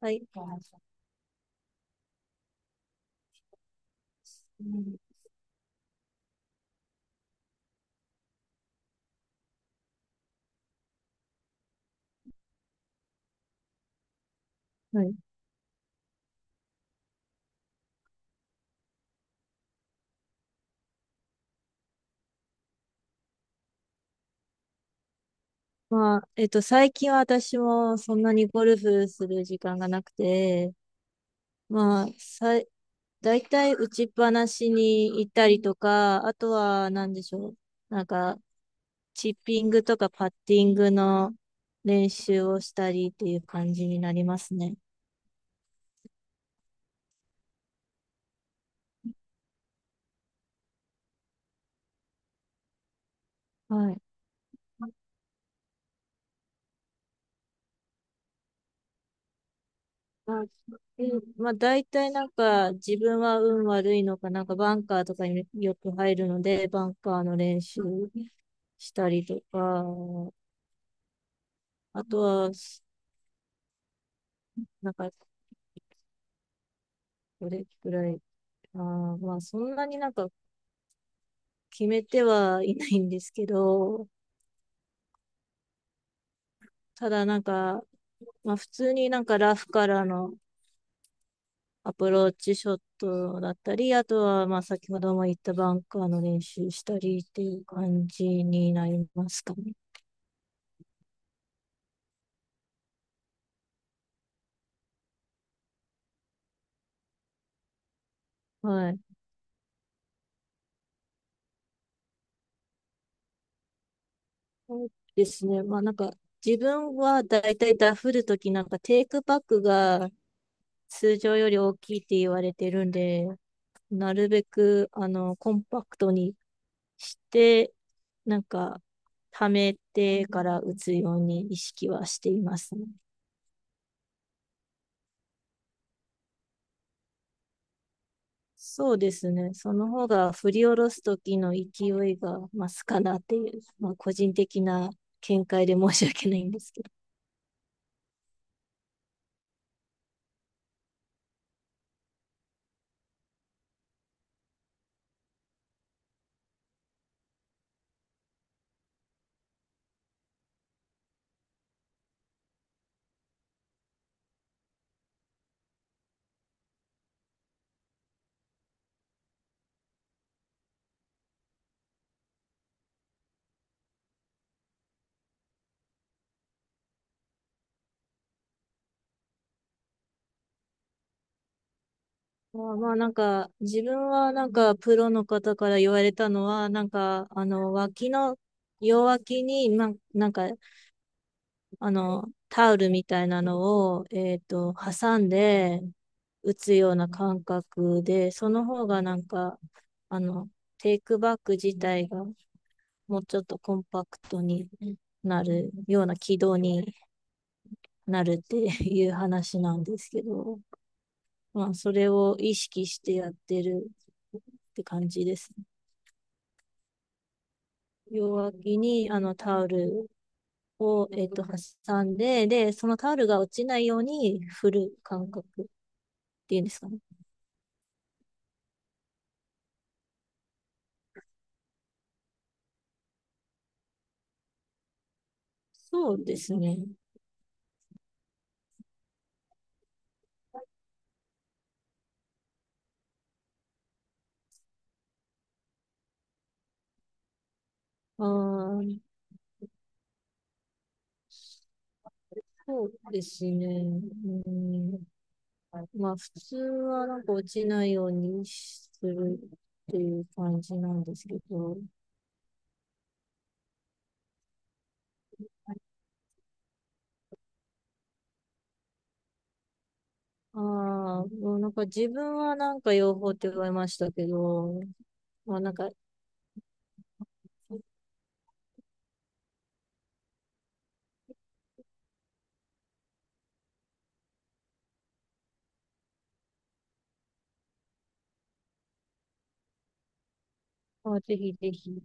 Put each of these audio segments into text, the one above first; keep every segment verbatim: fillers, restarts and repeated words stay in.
はい。はい。まあ、えっと、最近は私もそんなにゴルフする時間がなくて、まあ、さい、大体打ちっぱなしに行ったりとか、あとは何でしょう。なんか、チッピングとかパッティングの練習をしたりっていう感じになりますね。はい。まあだまあ、大体なんか自分は運悪いのか、なんかバンカーとかによく入るので、バンカーの練習したりとか、あとは、なんか、どれくらい、あー、まあ、そんなになんか決めてはいないんですけど、ただなんか、まあ、普通になんかラフからのアプローチショットだったり、あとは、まあ、先ほども言ったバンカーの練習したりっていう感じになりますかね。はい。そうですね。まあ、なんか、自分はだいたいダフるときなんかテイクバックが通常より大きいって言われてるんで、なるべく、あの、コンパクトにして、なんか、溜めてから打つように意識はしていますね。そうですね。その方が振り下ろす時の勢いが増すかなっていう、まあ、個人的な見解で申し訳ないんですけど。まあ、まあなんか、自分はなんか、プロの方から言われたのは、なんか、あの、脇の、両脇に、まあ、なんか、あの、タオルみたいなのを、えっと、挟んで打つような感覚で、その方がなんか、あの、テイクバック自体がもうちょっとコンパクトになるような軌道になるっていう話なんですけど、まあ、それを意識してやってるって感じですね。両脇にあのタオルを、えっと、挟んで、で、そのタオルが落ちないように振る感覚っていうんですかね。そうですね。あーそうですね。うん、まあ、普通はなんか落ちないようにするっていう感じなんですけど、ああ、もうなんか自分はなんか養蜂って言われましたけど、まあなんか、まあ、ぜひぜひ。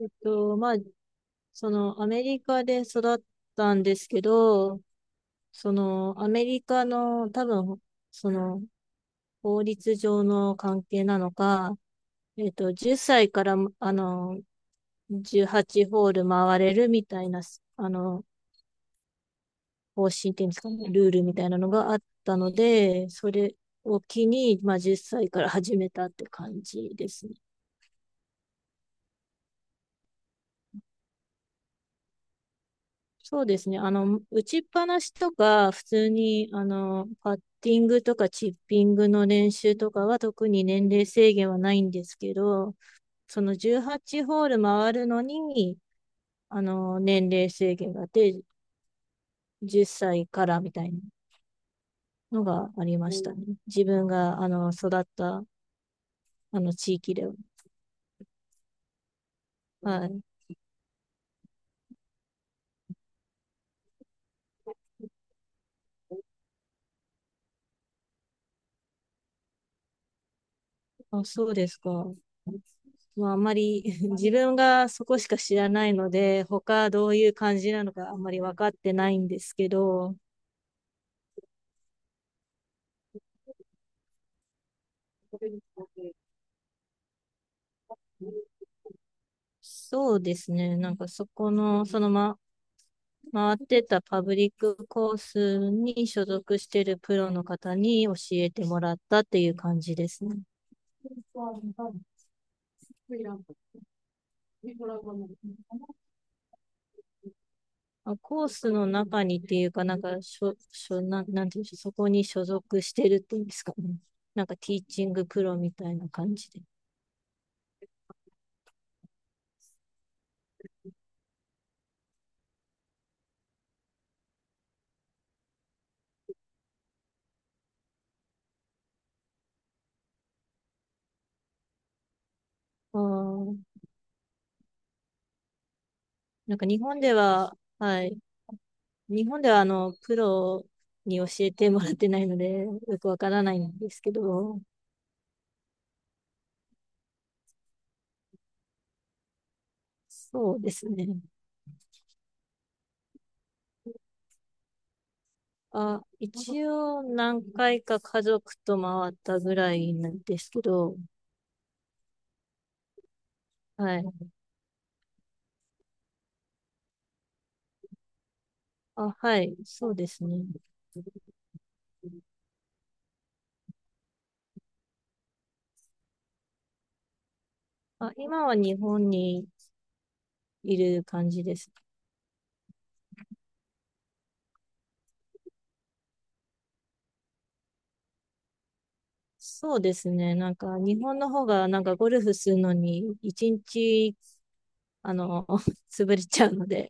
えっと、まあ、そのアメリカで育ったんですけど、そのアメリカの多分、その法律上の関係なのか、えっと、じゅっさいから、あの、じゅうはちホール回れるみたいな、あの、方針っていうんですかね、ルールみたいなのがあったので、それを機に、まあ、じゅっさいから始めたって感じですね。そうですね。あの、打ちっぱなしとか、普通に、あの、パッティングとかチッピングの練習とかは特に年齢制限はないんですけど、そのじゅうはちホール回るのに、あの、年齢制限があって、じゅっさいからみたいなのがありましたね。自分が、あの、育った、あの、地域では。はい。あ、そうですか。まあ、あんまり 自分がそこしか知らないので、他どういう感じなのかあんまり分かってないんですけど、そうですね。なんかそこの、そのま、回ってたパブリックコースに所属してるプロの方に教えてもらったっていう感じですね。まあ、コースの中にっていうか、なんか、しょ、しょ、なん、なんていうんでしょう、そこに所属してるっていうんですかね。なんか、ティーチングプロみたいな感じで。あーなんか、日本では、はい。日本では、あの、プロに教えてもらってないので、よくわからないんですけど、そうですね。あ、一応、何回か家族と回ったぐらいなんですけど、はい。あ、はい。そうですね。あ、今は日本にいる感じですね。そうですね。なんか、日本の方が、なんか、ゴルフするのに、一日、あの、潰れちゃうので、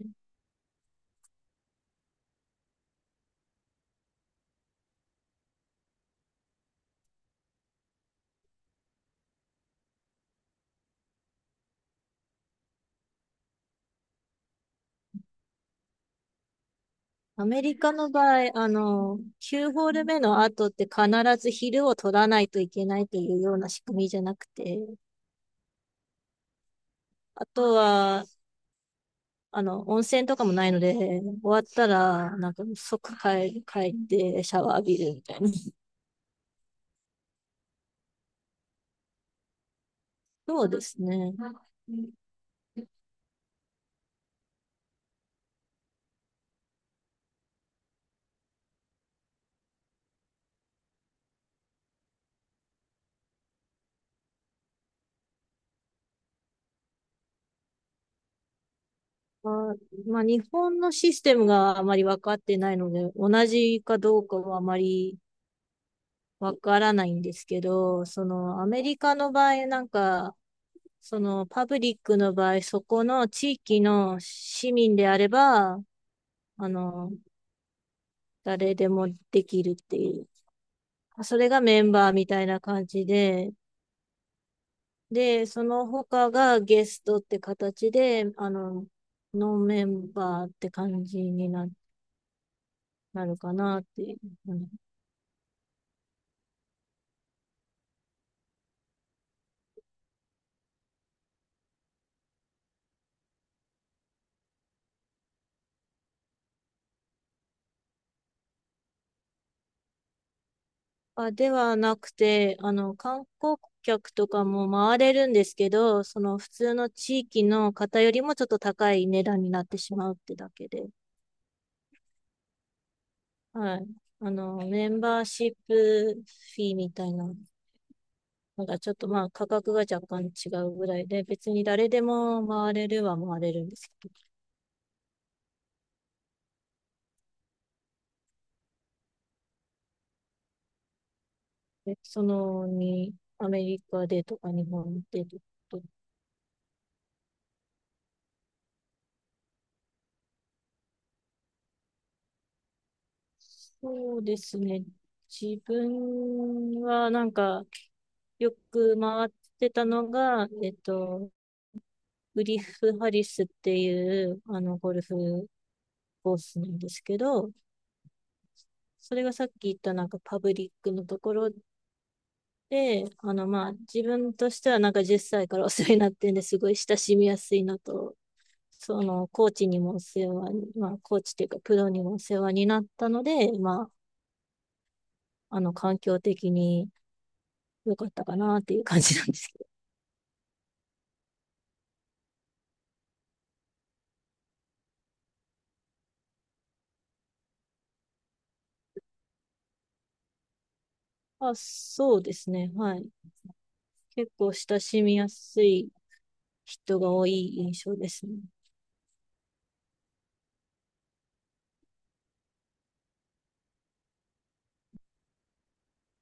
アメリカの場合、あの、きゅうホール目の後って必ず昼を取らないといけないというような仕組みじゃなくて、あとは、あの、温泉とかもないので、終わったら、なんか、即帰帰ってシャワー浴びるみたいな。そうですね。まあ、まあ、日本のシステムがあまり分かってないので、同じかどうかはあまりわからないんですけど、そのアメリカの場合、なんか、そのパブリックの場合、そこの地域の市民であれば、あの、誰でもできるっていう。それがメンバーみたいな感じで、で、その他がゲストって形で、あの、ノンメンバーって感じにな、なるかなっていう。あ、ではなくて、あの、観光客とかも回れるんですけど、その普通の地域の方よりもちょっと高い値段になってしまうってだけで、はい。あの、メンバーシップフィーみたいなのがちょっとまあ価格が若干違うぐらいで、別に誰でも回れるは回れるんですけどね、でそのに、アメリカでとか日本でとか、そうですね。自分はなんか、よく回ってたのが、えっと、グリフ・ハリスっていう、あの、ゴルフコースなんですけど、それがさっき言ったなんかパブリックのところで、あの、まあ、自分としてはなんかじゅっさいからお世話になってんですごい親しみやすいのと、その、コーチにもお世話に、まあ、コーチというかプロにもお世話になったので、まあ、あの、環境的に良かったかなっていう感じなんですけど。あ、そうですね。はい。結構親しみやすい人が多い印象ですね。